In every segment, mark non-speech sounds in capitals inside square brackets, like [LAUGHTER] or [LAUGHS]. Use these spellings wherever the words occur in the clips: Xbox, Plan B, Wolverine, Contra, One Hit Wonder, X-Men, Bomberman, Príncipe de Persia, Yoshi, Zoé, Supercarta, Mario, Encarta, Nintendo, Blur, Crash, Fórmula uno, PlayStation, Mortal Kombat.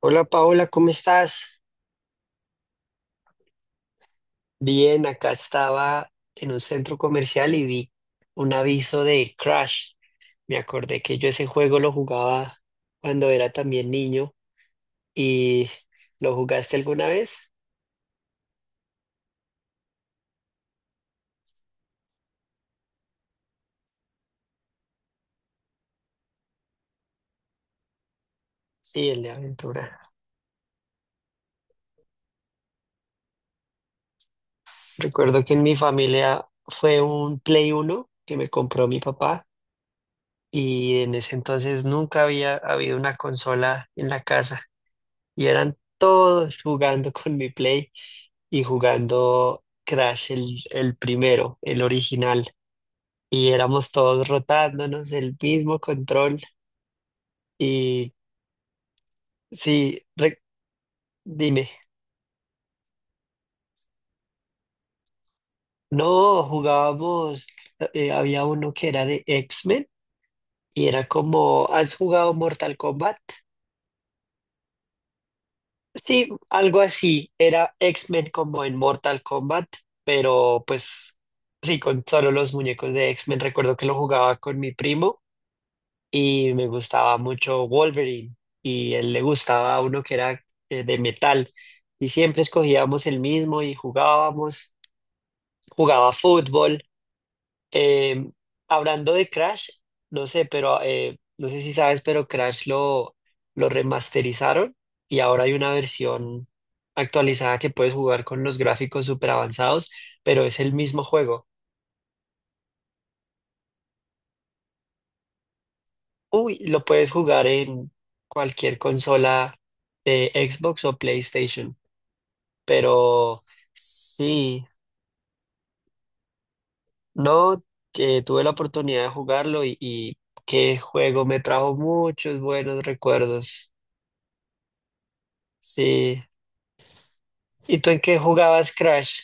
Hola Paola, ¿cómo estás? Bien, acá estaba en un centro comercial y vi un aviso de Crash. Me acordé que yo ese juego lo jugaba cuando era también niño y ¿lo jugaste alguna vez? Sí, el de aventura. Recuerdo que en mi familia fue un Play Uno que me compró mi papá y en ese entonces nunca había habido una consola en la casa. Y eran todos jugando con mi Play y jugando Crash el primero, el original. Y éramos todos rotándonos el mismo control. Y sí, dime, no, jugábamos, había uno que era de X-Men y era como, ¿has jugado Mortal Kombat? Sí, algo así, era X-Men como en Mortal Kombat, pero pues sí, con solo los muñecos de X-Men. Recuerdo que lo jugaba con mi primo y me gustaba mucho Wolverine y él le gustaba uno que era de metal y siempre escogíamos el mismo y jugábamos, jugaba fútbol. Eh, hablando de Crash, no sé, pero no sé si sabes, pero Crash lo remasterizaron y ahora hay una versión actualizada que puedes jugar con los gráficos súper avanzados, pero es el mismo juego. Uy, lo puedes jugar en cualquier consola de Xbox o PlayStation. Pero sí, no, que tuve la oportunidad de jugarlo y qué juego me trajo muchos buenos recuerdos. Sí. ¿Y tú en qué jugabas Crash?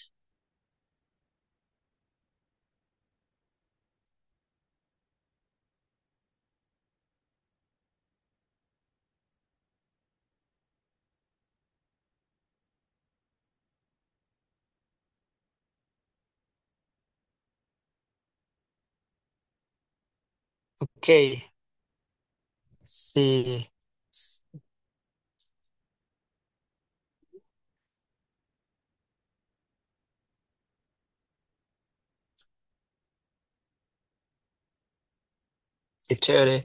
Ok, sí, s- qué chévere.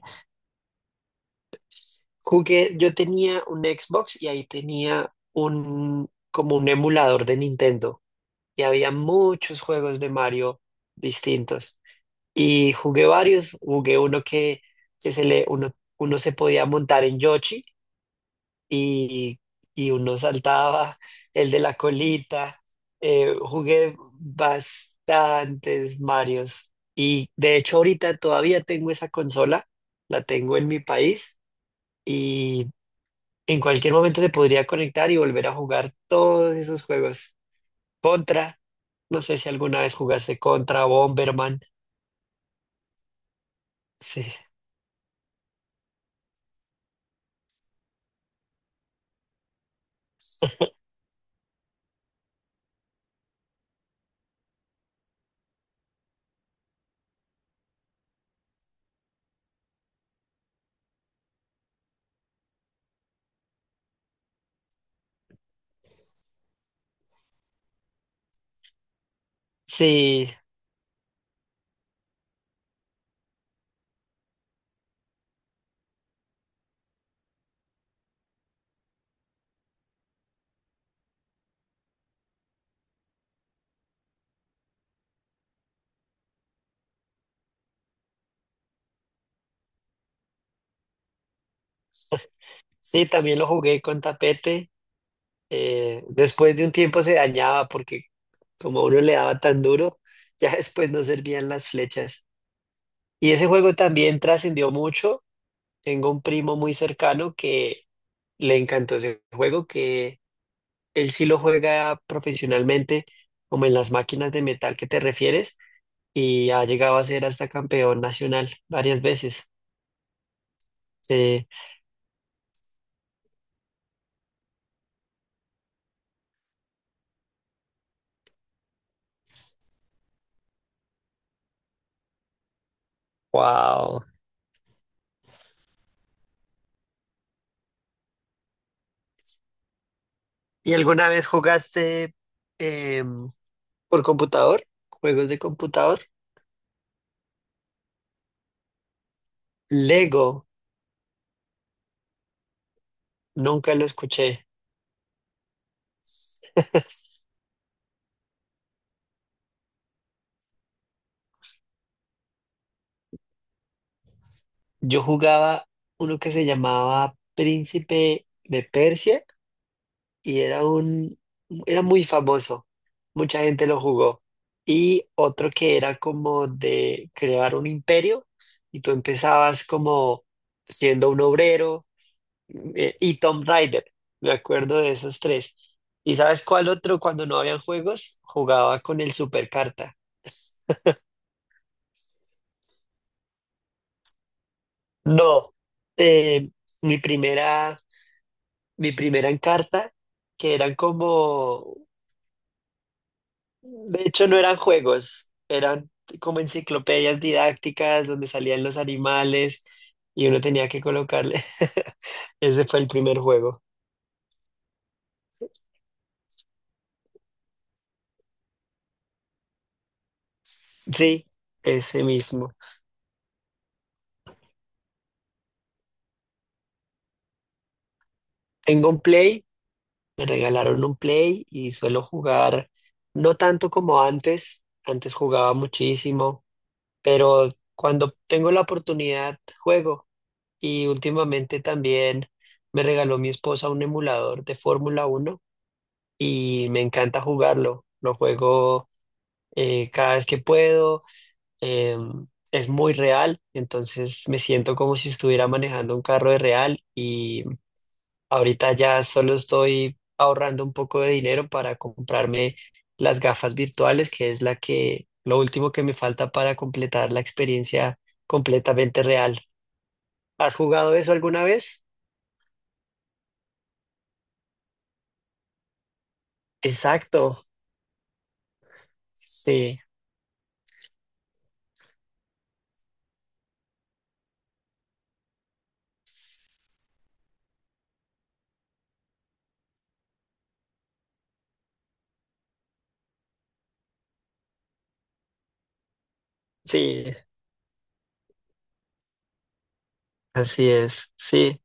Jugué, yo tenía un Xbox y ahí tenía un, como un emulador de Nintendo y había muchos juegos de Mario distintos. Y jugué varios, jugué uno que, que se le, uno, uno se podía montar en Yoshi y, y uno saltaba, el de la colita. Jugué bastantes Marios. Y de hecho ahorita todavía tengo esa consola, la tengo en mi país y en cualquier momento se podría conectar y volver a jugar todos esos juegos. Contra, no sé si alguna vez jugaste Contra, Bomberman. Sí, sí. Sí, también lo jugué con tapete. Después de un tiempo se dañaba porque como uno le daba tan duro, ya [LAUGHS] después no servían las flechas. Y ese juego también trascendió mucho. Tengo un primo muy cercano que le encantó ese juego, que él sí lo juega profesionalmente, como en las máquinas de metal que te refieres, y ha llegado a ser hasta campeón nacional varias veces. Sí, wow. ¿Y alguna vez jugaste? em, por computador, juegos de computador. Lego, nunca lo escuché. Yo jugaba uno que se llamaba Príncipe de Persia y era era muy famoso. Mucha gente lo jugó. Y otro que era como de crear un imperio y tú empezabas como siendo un obrero y Tom Raider. Me acuerdo de esos tres. ¿Y sabes cuál otro cuando no habían juegos? Jugaba con el Supercarta. No, eh, mi primera, mi primera Encarta, que eran como, de hecho no eran juegos, eran como enciclopedias didácticas donde salían los animales y uno tenía que colocarle. [LAUGHS] Ese fue el primer juego. Sí, ese mismo. Tengo un Play, me regalaron un Play y suelo jugar, no tanto como antes, antes jugaba muchísimo, pero cuando tengo la oportunidad juego. Y últimamente también me regaló mi esposa un emulador de Fórmula uno y me encanta jugarlo. Lo juego cada vez que puedo, eh, es muy real, entonces me siento como si estuviera manejando un carro de real y ahorita ya solo estoy ahorrando un poco de dinero para comprarme las gafas virtuales, que es la que, lo último que me falta para completar la experiencia completamente real. ¿Has jugado eso alguna vez? Exacto. Sí, sí, así es, sí.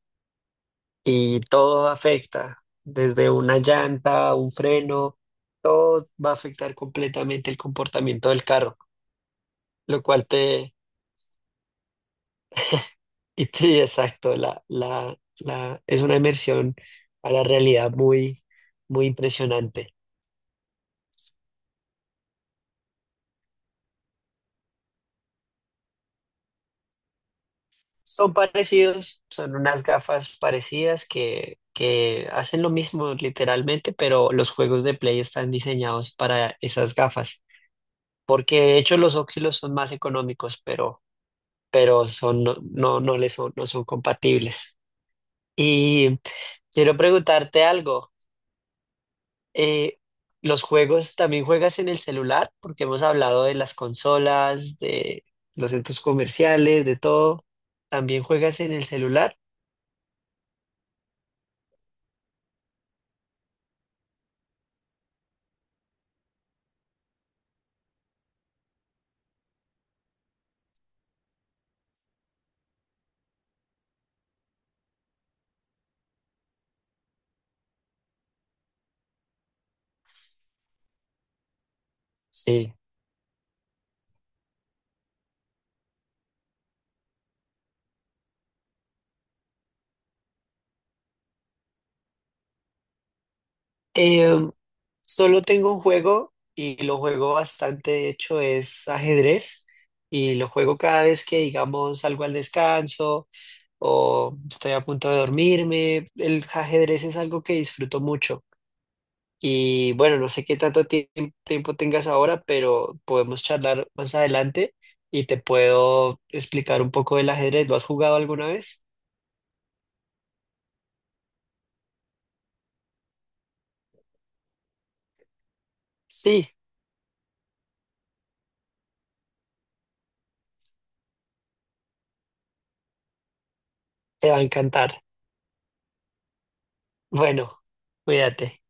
Y todo afecta, desde una llanta, un freno, todo va a afectar completamente el comportamiento del carro, lo cual y te, [LAUGHS] exacto, es una inmersión a la realidad muy, muy impresionante. Son parecidos, son unas gafas parecidas que hacen lo mismo literalmente, pero los juegos de Play están diseñados para esas gafas. Porque de hecho los óxidos son más económicos, pero son, no, no les son, no son compatibles. Y quiero preguntarte algo. eh, ¿Los juegos también juegas en el celular? Porque hemos hablado de las consolas, de los centros comerciales, de todo. ¿También juegas en el celular? Sí. Solo tengo un juego y lo juego bastante, de hecho, es ajedrez y lo juego cada vez que, digamos, salgo al descanso o estoy a punto de dormirme. El ajedrez es algo que disfruto mucho y bueno, no sé qué tanto tiempo tengas ahora, pero podemos charlar más adelante y te puedo explicar un poco del ajedrez. ¿Lo has jugado alguna vez? Sí, te va a encantar. Bueno, cuídate.